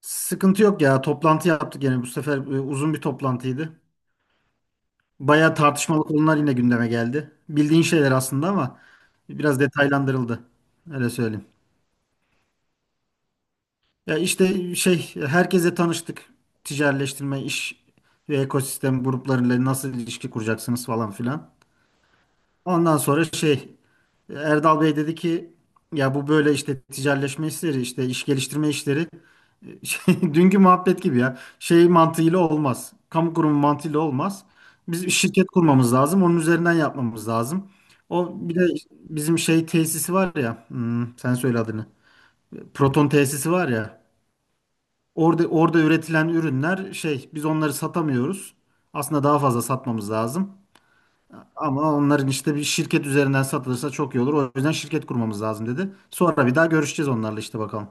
Sıkıntı yok ya. Toplantı yaptık yani bu sefer uzun bir toplantıydı. Bayağı tartışmalı konular yine gündeme geldi. Bildiğin şeyler aslında ama biraz detaylandırıldı. Öyle söyleyeyim. Ya işte şey herkese tanıştık. Ticaretleştirme, iş ve ekosistem gruplarıyla nasıl ilişki kuracaksınız falan filan. Ondan sonra şey Erdal Bey dedi ki ya bu böyle işte ticaretleşme işleri işte iş geliştirme işleri şey, dünkü muhabbet gibi ya şey mantığıyla olmaz. Kamu kurumu mantığıyla olmaz. Biz bir şirket kurmamız lazım. Onun üzerinden yapmamız lazım. O bir de bizim şey tesisi var ya sen söyle adını. Proton tesisi var ya orada üretilen ürünler şey biz onları satamıyoruz. Aslında daha fazla satmamız lazım. Ama onların işte bir şirket üzerinden satılırsa çok iyi olur. O yüzden şirket kurmamız lazım dedi. Sonra bir daha görüşeceğiz onlarla işte bakalım.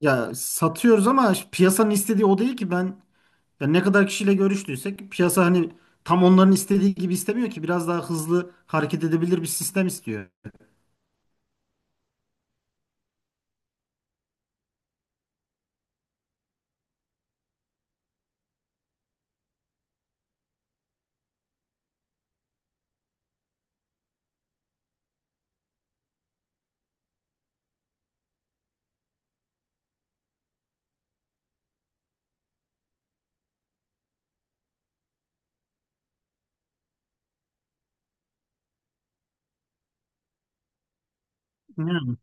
Ya satıyoruz ama işte piyasanın istediği o değil ki ben ya ne kadar kişiyle görüştüysek piyasa hani tam onların istediği gibi istemiyor ki biraz daha hızlı hareket edebilir bir sistem istiyor. Yani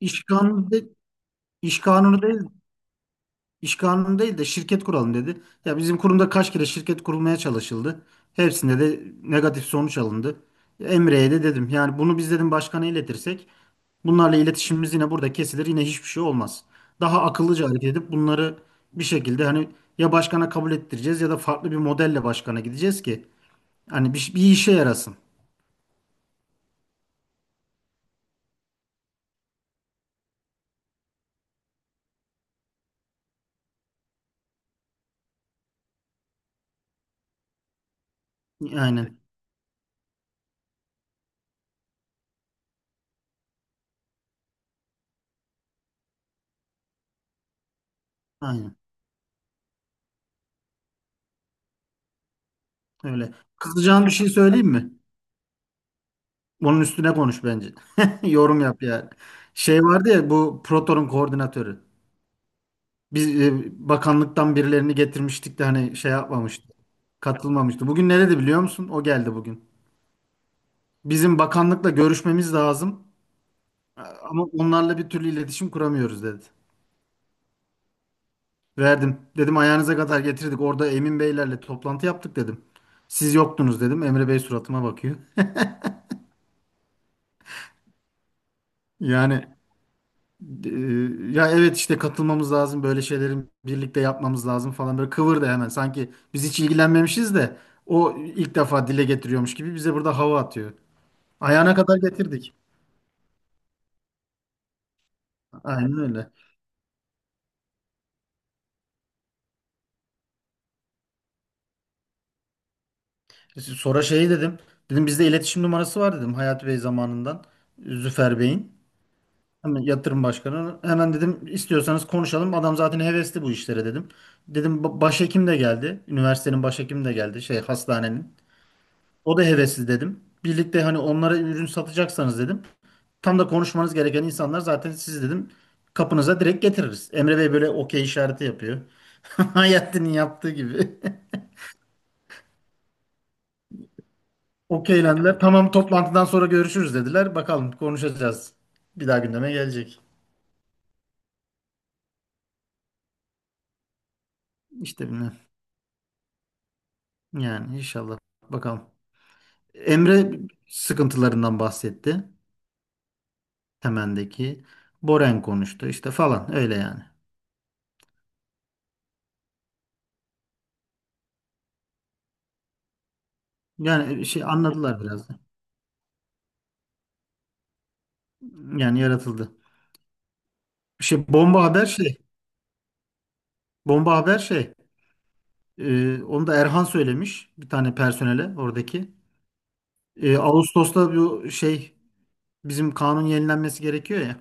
iş kanunu de, iş kanunu değil İş kanunu değil de şirket kuralım dedi. Ya bizim kurumda kaç kere şirket kurulmaya çalışıldı. Hepsinde de negatif sonuç alındı. Emre'ye de dedim. Yani bunu biz dedim başkana iletirsek bunlarla iletişimimiz yine burada kesilir. Yine hiçbir şey olmaz. Daha akıllıca hareket edip bunları bir şekilde hani ya başkana kabul ettireceğiz ya da farklı bir modelle başkana gideceğiz ki hani bir işe yarasın. Aynen. Aynen. Öyle. Kızacağın bir şey söyleyeyim mi? Bunun üstüne konuş bence. Yorum yap yani. Şey vardı ya bu Proton'un koordinatörü. Biz bakanlıktan birilerini getirmiştik de hani şey yapmamıştı. Katılmamıştı. Bugün nerede biliyor musun? O geldi bugün. Bizim bakanlıkla görüşmemiz lazım. Ama onlarla bir türlü iletişim kuramıyoruz dedi. Verdim. Dedim ayağınıza kadar getirdik. Orada Emin Beylerle toplantı yaptık dedim. Siz yoktunuz dedim. Emre Bey suratıma bakıyor. Yani ya evet işte katılmamız lazım böyle şeylerin birlikte yapmamız lazım falan böyle kıvırdı hemen sanki biz hiç ilgilenmemişiz de o ilk defa dile getiriyormuş gibi bize burada hava atıyor. Ayağına kadar getirdik. Aynen öyle. Sonra şey dedim. Dedim bizde iletişim numarası var dedim Hayat Bey zamanından Züfer Bey'in. Hemen yatırım başkanı. Hemen dedim istiyorsanız konuşalım. Adam zaten hevesli bu işlere dedim. Dedim "ba- başhekim de geldi. Üniversitenin başhekimi de geldi. Şey hastanenin. O da hevesli dedim. Birlikte hani onlara ürün satacaksanız dedim. Tam da konuşmanız gereken insanlar zaten siz dedim. Kapınıza direkt getiririz. Emre Bey böyle okey işareti yapıyor. Hayattin'in yaptığı gibi. Okeylendiler. Tamam toplantıdan sonra görüşürüz dediler. Bakalım konuşacağız. Bir daha gündeme gelecek. İşte bilmem. Yani inşallah. Bakalım. Emre sıkıntılarından bahsetti. Temendeki. Boren konuştu işte falan öyle yani. Yani şey anladılar biraz da. Yani yaratıldı. Şey bomba haber şey. Bomba haber şey. Onu da Erhan söylemiş bir tane personele oradaki. Ağustos'ta bu şey bizim kanun yenilenmesi gerekiyor ya.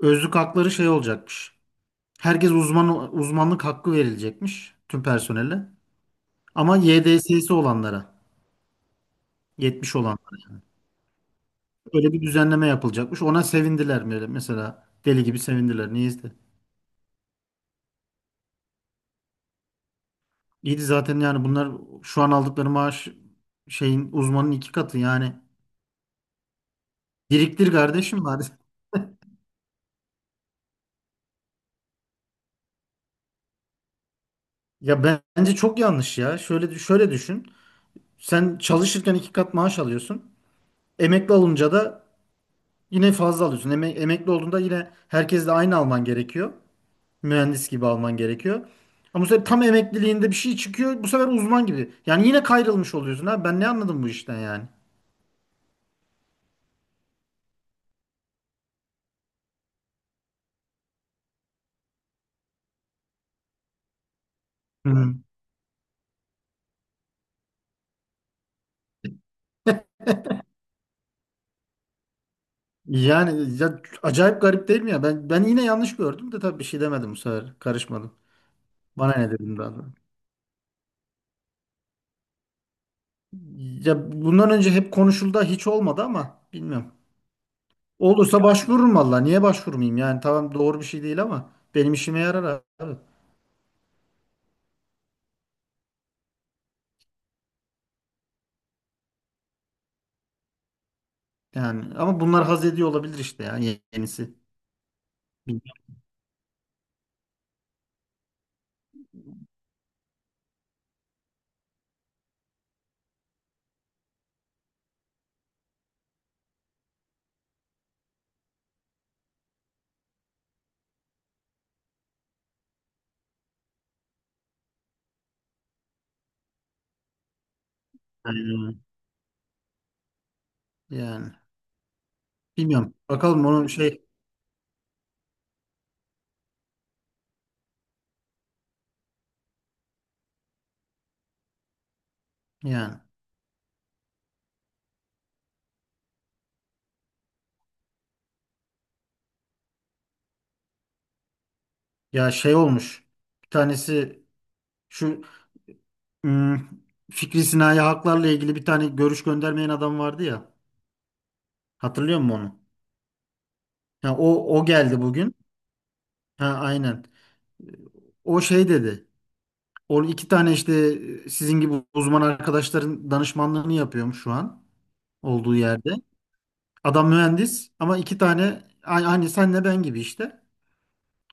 Özlük hakları şey olacakmış. Herkes uzmanlık hakkı verilecekmiş tüm personele. Ama YDS'si olanlara, 70 olanlara böyle bir düzenleme yapılacakmış. Ona sevindiler böyle mesela deli gibi sevindiler. Niye izle? İyiydi zaten yani bunlar şu an aldıkları maaş şeyin uzmanın iki katı yani. Biriktir kardeşim var. Bence çok yanlış ya. Şöyle düşün. Sen çalışırken iki kat maaş alıyorsun. Emekli olunca da yine fazla alıyorsun. Emekli olduğunda yine herkesle aynı alman gerekiyor. Mühendis gibi alman gerekiyor. Ama bu sefer tam emekliliğinde bir şey çıkıyor. Bu sefer uzman gibi. Yani yine kayrılmış oluyorsun ha. Ben ne anladım bu işten yani? Hı. hı. Yani ya, acayip garip değil mi ya? Ben yine yanlış gördüm de tabii bir şey demedim bu sefer. Karışmadım. Bana ne dedim daha sonra. Ya bundan önce hep konuşuldu hiç olmadı ama bilmiyorum. Olursa başvururum valla. Niye başvurmayayım? Yani tamam doğru bir şey değil ama benim işime yarar abi. Yani ama bunlar haz ediyor olabilir işte ya yenisi. Yani, yani bilmiyorum. Bakalım onun şey yani ya şey olmuş. Bir tanesi şu ım, Fikri Sinayi haklarla ilgili bir tane görüş göndermeyen adam vardı ya. Hatırlıyor musun onu? Ha, o geldi bugün. Ha aynen. O şey dedi. O iki tane işte sizin gibi uzman arkadaşların danışmanlığını yapıyorum şu an. Olduğu yerde. Adam mühendis ama iki tane hani senle ben gibi işte.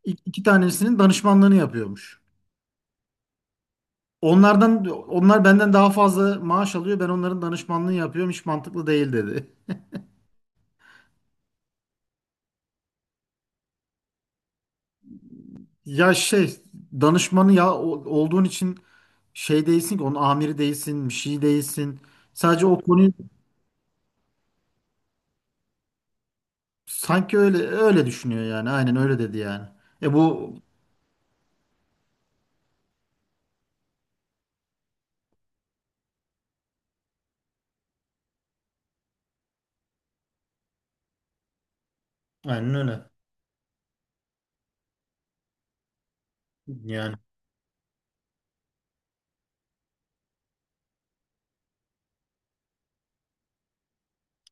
İki tanesinin danışmanlığını yapıyormuş. Onlardan onlar benden daha fazla maaş alıyor. Ben onların danışmanlığını yapıyorum. Hiç mantıklı değil dedi. Ya şey danışmanı ya olduğun için şey değilsin ki onun amiri değilsin, bir şey değilsin. Sadece o konuyu sanki öyle düşünüyor yani. Aynen öyle dedi yani. E bu aynen öyle. Yani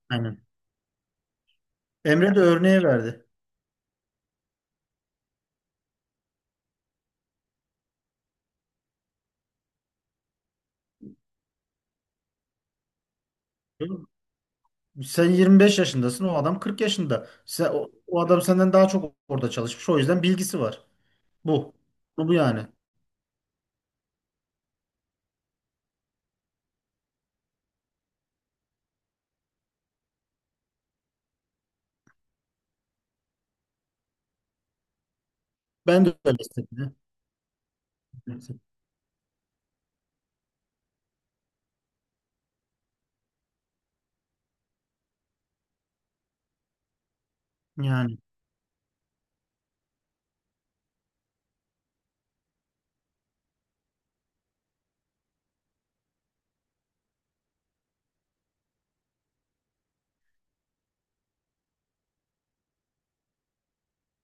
aynen. Emre de örneği verdi. Sen 25 yaşındasın, o adam 40 yaşında. Sen, o adam senden daha çok orada çalışmış. O yüzden bilgisi var. Bu. Bu yani. Ben de öyle istedim. Yani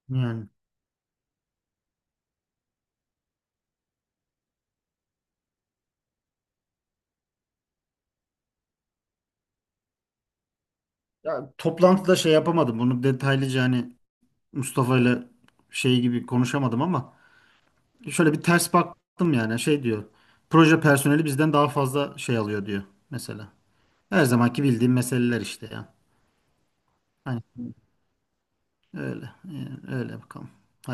yani. Ya, toplantıda şey yapamadım. Bunu detaylıca hani Mustafa ile şey gibi konuşamadım ama şöyle bir ters baktım yani. Şey diyor. Proje personeli bizden daha fazla şey alıyor diyor mesela. Her zamanki bildiğim meseleler işte ya. Hani öyle. Yani öyle bakalım. Hayırlısı.